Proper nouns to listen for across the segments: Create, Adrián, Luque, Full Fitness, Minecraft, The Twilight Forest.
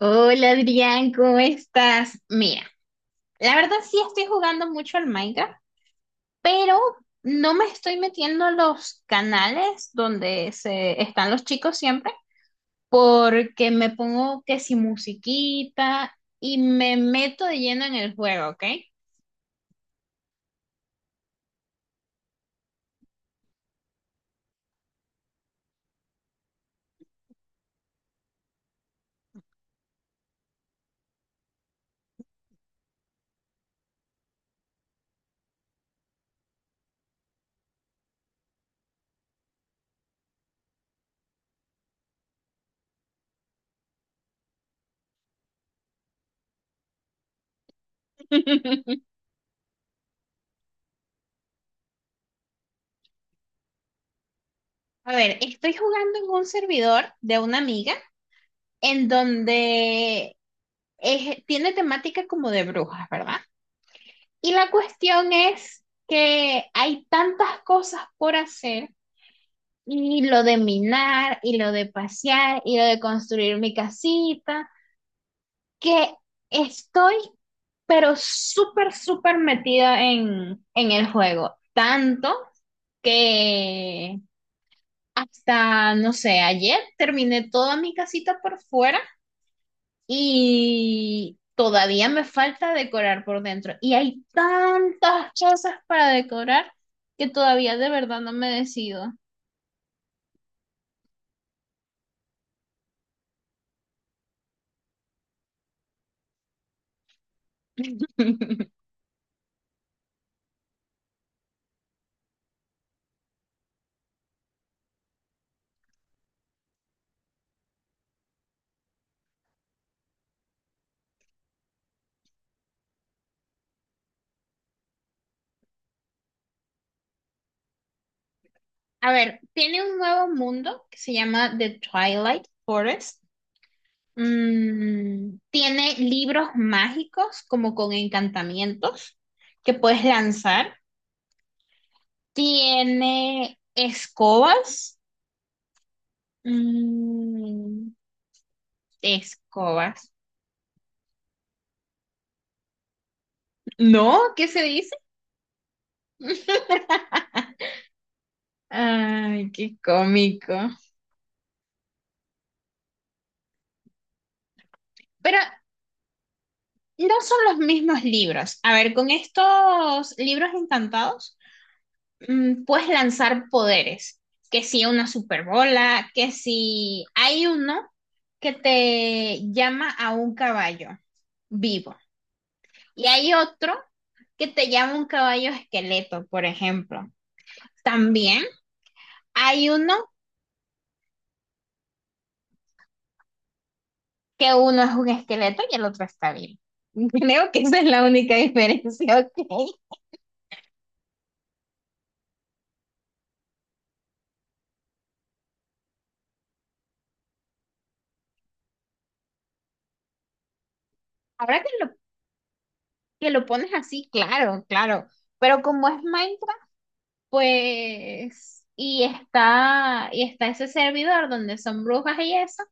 Hola Adrián, ¿cómo estás? Mira, la verdad sí estoy jugando mucho al Minecraft, pero no me estoy metiendo a los canales donde se están los chicos siempre, porque me pongo que si musiquita y me meto de lleno en el juego, ¿ok? A ver, estoy jugando en un servidor de una amiga en donde tiene temática como de brujas, ¿verdad? Y la cuestión es que hay tantas cosas por hacer, y lo de minar, y lo de pasear, y lo de construir mi casita, que estoy pero súper, súper metida en el juego. Tanto que hasta, no sé, ayer terminé toda mi casita por fuera. Y todavía me falta decorar por dentro. Y hay tantas cosas para decorar que todavía de verdad no me decido. A ver, tiene un nuevo mundo que se llama The Twilight Forest. Mm, tiene libros mágicos como con encantamientos que puedes lanzar. Tiene escobas. Mm, escobas. No, ¿qué se dice? Ay, qué cómico. Pero no son los mismos libros. A ver, con estos libros encantados, puedes lanzar poderes. Que si una superbola, que si hay uno que te llama a un caballo vivo. Y hay otro que te llama un caballo esqueleto, por ejemplo. También hay uno que uno es un esqueleto y el otro está vivo. Creo que esa es la única diferencia, ¿ok? Ahora que lo pones así, claro, claro. Pero como es Minecraft, pues, y está ese servidor donde son brujas y eso,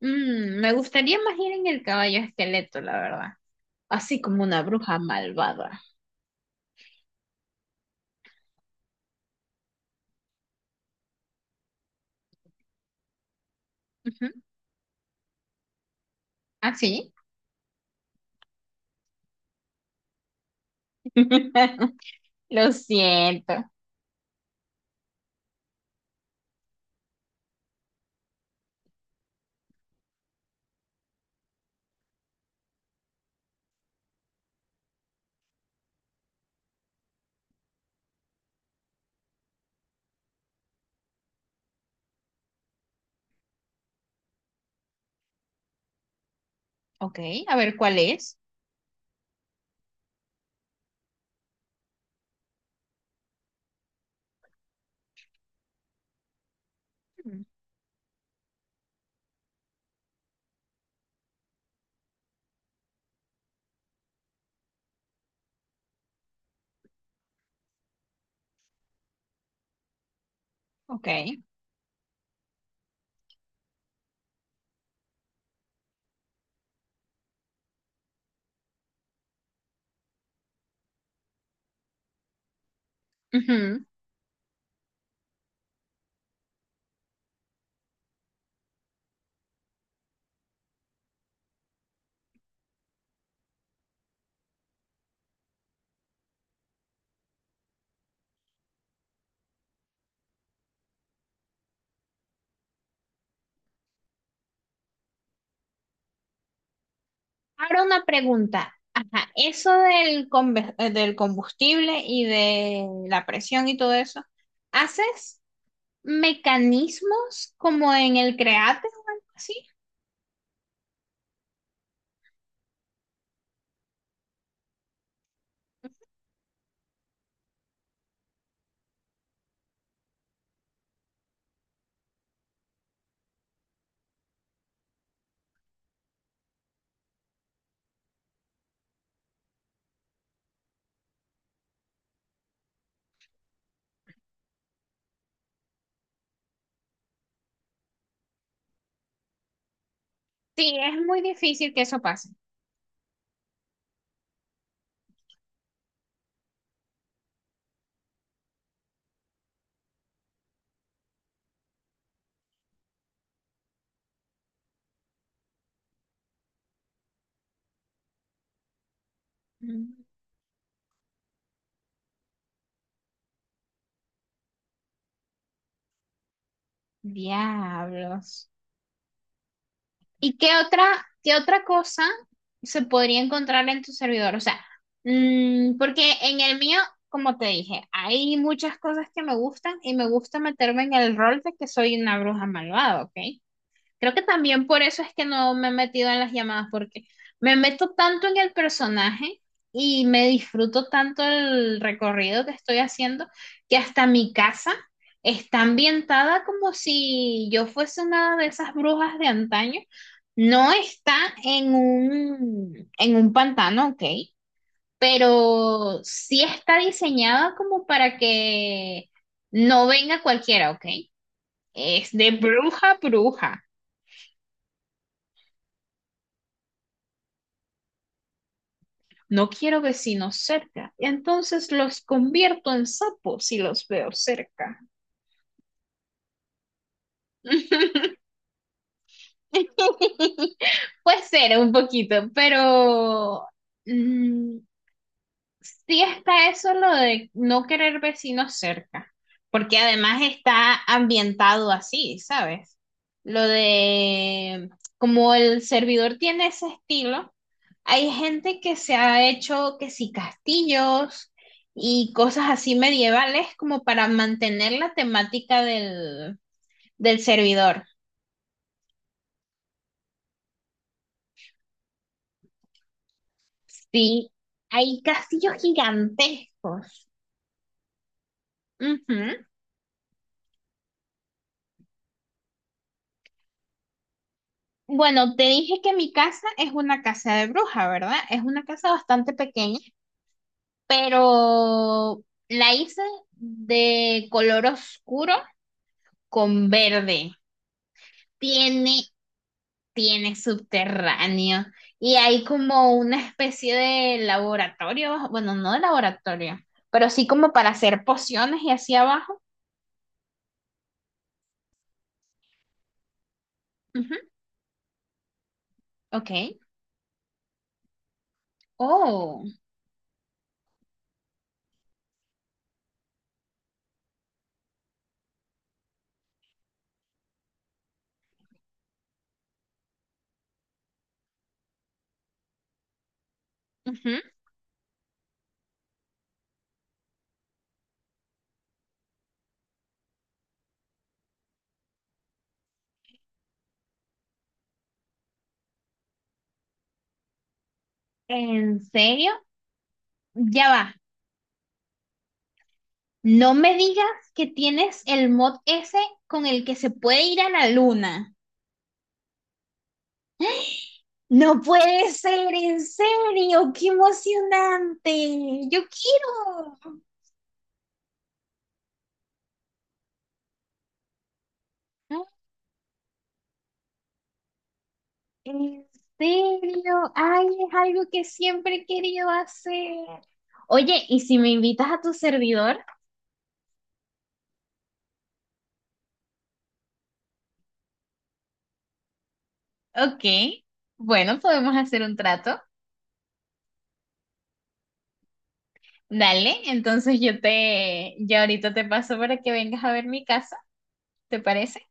me gustaría más ir en el caballo esqueleto, la verdad. Así como una bruja malvada. Ujú. Así. Lo siento. Ok, a ver cuál es. Mm. Ok. Ujú. Ahora una pregunta. Ajá, eso del, del combustible y de la presión y todo eso. ¿Haces mecanismos como en el Create o algo así? Sí, es muy difícil que eso pase. Mm. Diablos. ¿Y qué otra cosa se podría encontrar en tu servidor? O sea, porque en el mío, como te dije, hay muchas cosas que me gustan y me gusta meterme en el rol de que soy una bruja malvada, ¿ok? Creo que también por eso es que no me he metido en las llamadas, porque me meto tanto en el personaje y me disfruto tanto el recorrido que estoy haciendo, que hasta mi casa está ambientada como si yo fuese una de esas brujas de antaño. No está en un pantano, ok, pero sí está diseñada como para que no venga cualquiera, ok. Es de bruja a bruja. No quiero vecinos cerca. Entonces los convierto en sapos si los veo cerca. Puede ser un poquito, pero mm, sí está eso lo de no querer vecinos cerca, porque además está ambientado así, ¿sabes? Lo de como el servidor tiene ese estilo, hay gente que se ha hecho que sí castillos y cosas así medievales como para mantener la temática del, del servidor. Sí, hay castillos gigantescos. Ujú. Bueno, te dije que mi casa es una casa de bruja, ¿verdad? Es una casa bastante pequeña, pero la hice de color oscuro con verde. Tiene, tiene subterráneo y hay como una especie de laboratorio, bueno, no de laboratorio, pero sí como para hacer pociones y hacia abajo. Ujú. Ok. Oh, ujú. ¿En serio? Ya va. No me digas que tienes el mod ese con el que se puede ir a la luna. No puede ser, en serio, qué emocionante. Yo quiero. Ah, en serio, ay, es algo que siempre he querido hacer. Oye, ¿y si me invitas a tu servidor? Ok, bueno, podemos hacer un trato. Dale, entonces yo te, ya ahorita te paso para que vengas a ver mi casa, ¿te parece?